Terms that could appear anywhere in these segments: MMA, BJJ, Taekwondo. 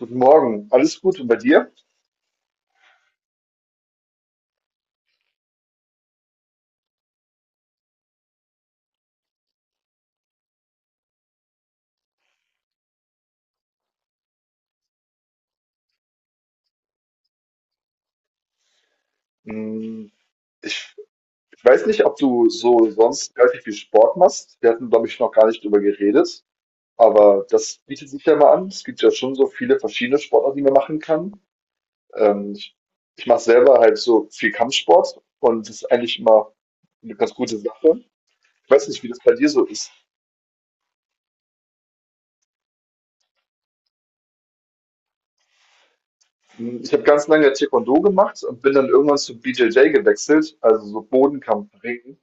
Guten Morgen, alles gut und bei dir? Hm, Ich, ich weiß nicht, ob du so sonst relativ viel Sport machst. Wir hatten, glaube ich, noch gar nicht drüber geredet, aber das bietet sich ja mal an. Es gibt ja schon so viele verschiedene Sportarten, die man machen kann. Ähm, ich Ich mache selber halt so viel Kampfsport und das ist eigentlich immer eine ganz gute Sache. Ich weiß nicht, wie das bei dir so ist. Hm, ich habe ganz lange Taekwondo gemacht und bin dann irgendwann zu BJJ gewechselt, also so Bodenkampf, Ringen.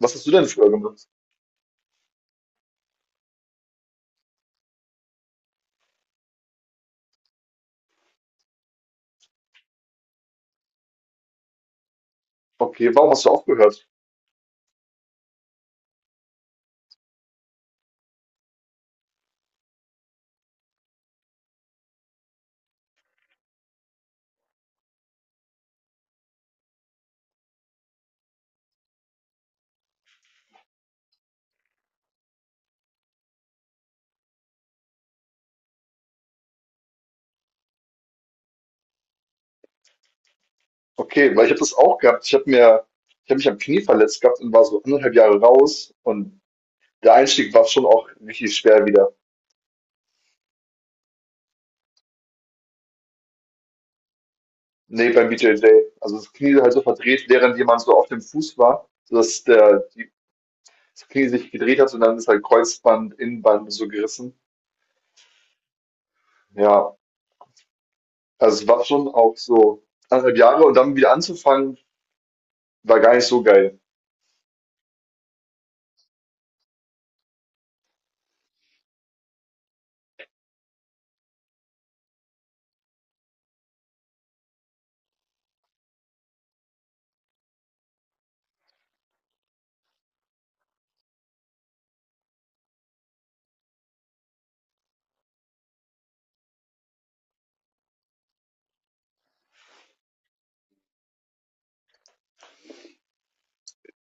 Was hast du denn früher gemacht? Okay, warum hast du aufgehört? Okay, weil ich habe das auch gehabt. Ich habe mich am Knie verletzt gehabt und war so anderthalb Jahre raus und der Einstieg war schon auch richtig schwer wieder. Nee, beim BJJ. Also das Knie halt so verdreht, während jemand so auf dem Fuß war, sodass das Knie sich gedreht hat und dann ist halt Kreuzband, Innenband so gerissen. Ja, also es war schon auch so anderthalb Jahre und dann wieder anzufangen, war gar nicht so geil.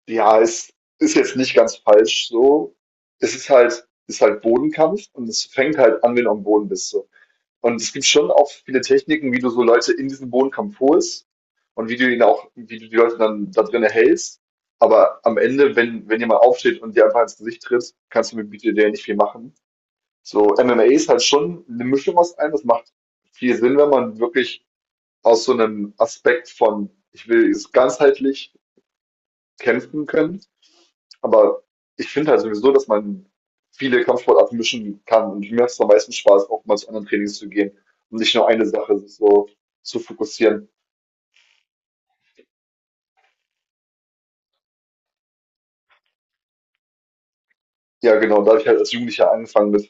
Ja, es ist jetzt nicht ganz falsch so. Es ist halt Bodenkampf und es fängt halt an, wenn du am Boden bist so. Und es gibt schon auch viele Techniken, wie du so Leute in diesen Bodenkampf holst und wie du die Leute dann da drin erhältst. Aber am Ende, wenn jemand aufsteht und dir einfach ins Gesicht tritt, kannst du mit BJJ nicht viel machen. So, MMA ist halt schon eine Mischung aus allem. Das macht viel Sinn, wenn man wirklich aus so einem Aspekt von, ich will es ganzheitlich kämpfen können, aber ich finde halt sowieso, dass man viele Kampfsportarten mischen kann und mir macht es am meisten Spaß, auch mal zu anderen Trainings zu gehen und nicht nur eine Sache sich so zu fokussieren. Ja, genau, da habe ich halt als Jugendlicher angefangen mit.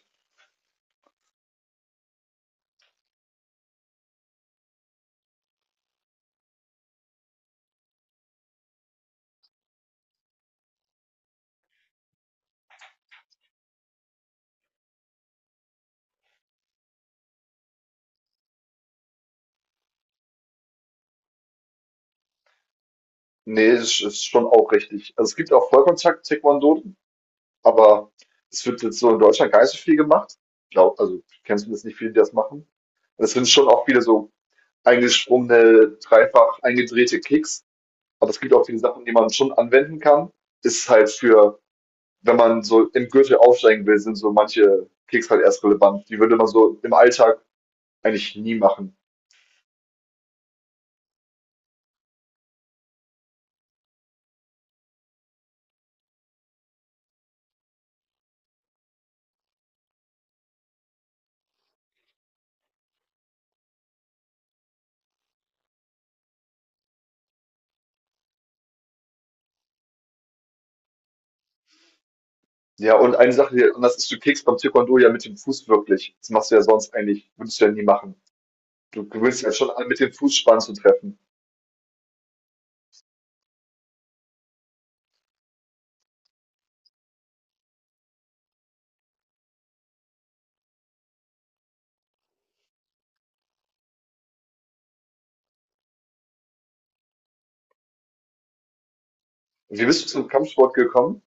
Ne, ist schon auch richtig. Also, es gibt auch Vollkontakt-Taekwondo, aber es wird jetzt so in Deutschland gar nicht so viel gemacht. Ich glaube also, ich kenne zumindest nicht viele, die das machen. Und es sind schon auch viele so eingesprungene, dreifach eingedrehte Kicks, aber es gibt auch viele Sachen, die man schon anwenden kann. Ist halt für wenn man so im Gürtel aufsteigen will, sind so manche Kicks halt erst relevant. Die würde man so im Alltag eigentlich nie machen. Ja, und eine Sache, die anders ist, du kickst beim Taekwondo ja mit dem Fuß wirklich. Das machst du ja sonst eigentlich, würdest du ja nie machen. Du gewöhnst ja schon an, mit dem Fuß Spann zu treffen. Wie bist du zum Kampfsport gekommen?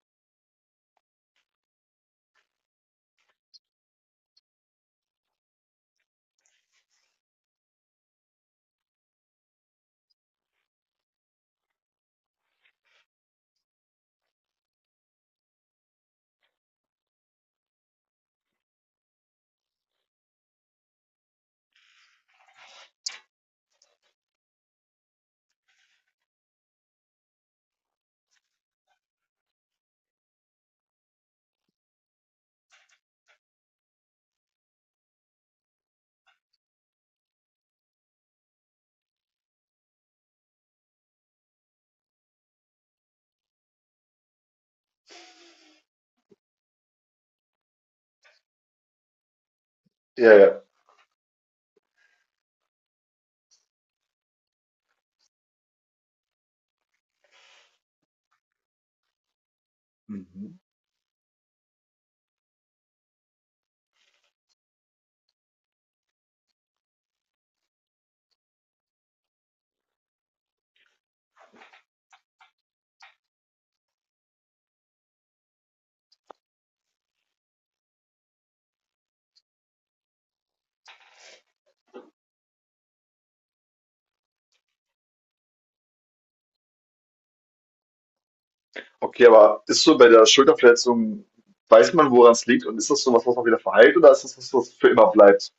Ja, ja. Mhm. Okay, aber ist so bei der Schulterverletzung, weiß man, woran es liegt und ist das so was, was man wieder verheilt oder ist das was, was für immer bleibt?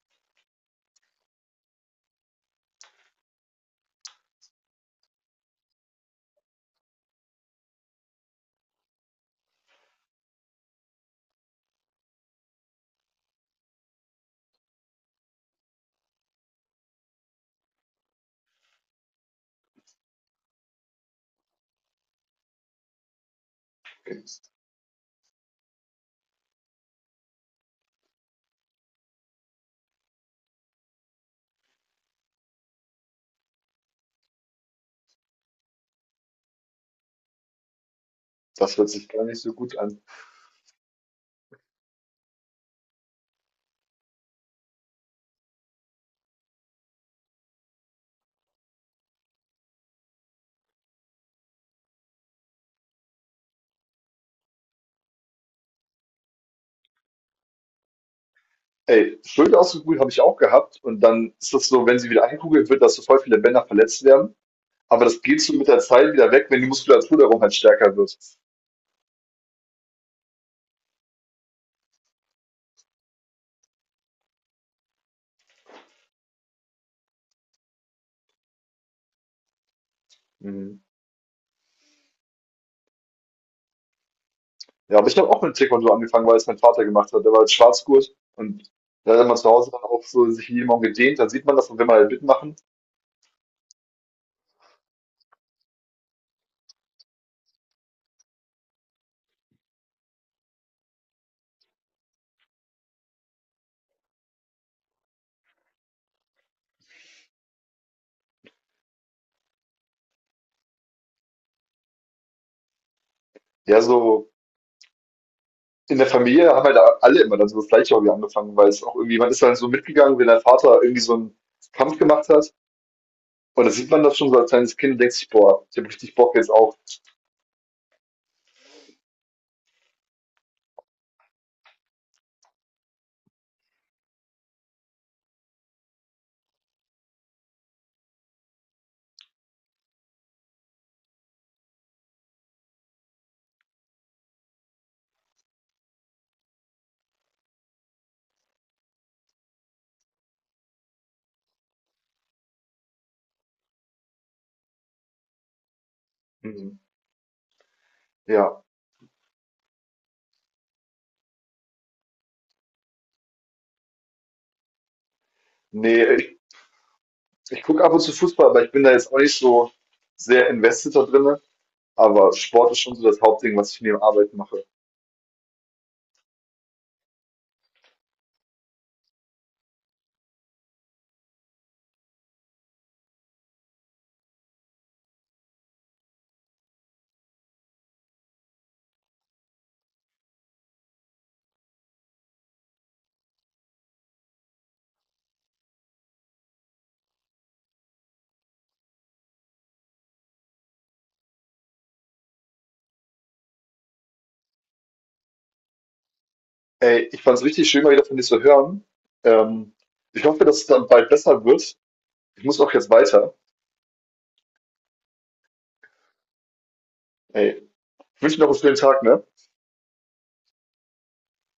Das hört sich gar nicht so gut an. Ey, Schulter habe ich auch gehabt und dann ist das so, wenn sie wieder eingekugelt wird, dass so voll viele Bänder verletzt werden. Aber das geht so mit der Zeit wieder weg, wenn die Muskulatur darum halt stärker wird. Mhm. Ja, aber ich habe auch mit Taekwondo angefangen, weil es mein Vater gemacht hat. Der war als Schwarzgurt und da hat er mal zu Hause dann auch so sich jeden Morgen gedehnt. Dann sieht man das und will man halt mitmachen. Ja, so in der Familie haben halt alle immer dann so das gleiche Hobby angefangen, weil es auch irgendwie, man ist dann so mitgegangen, wenn dein Vater irgendwie so einen Kampf gemacht hat. Und da sieht man das schon so als kleines Kind und denkt sich, boah, ich habe richtig Bock jetzt auch. Mhm. Ja, nee, ich gucke ab und zu Fußball, aber ich bin da jetzt auch nicht so sehr invested da drinne. Aber Sport ist schon so das Hauptding, was ich neben Arbeit mache. Ey, ich fand's richtig schön, mal wieder von dir zu hören. Ähm, ich hoffe, dass es dann bald besser wird. Ich muss auch jetzt weiter. Ey, ich wünsche dir noch einen schönen Tag, ne?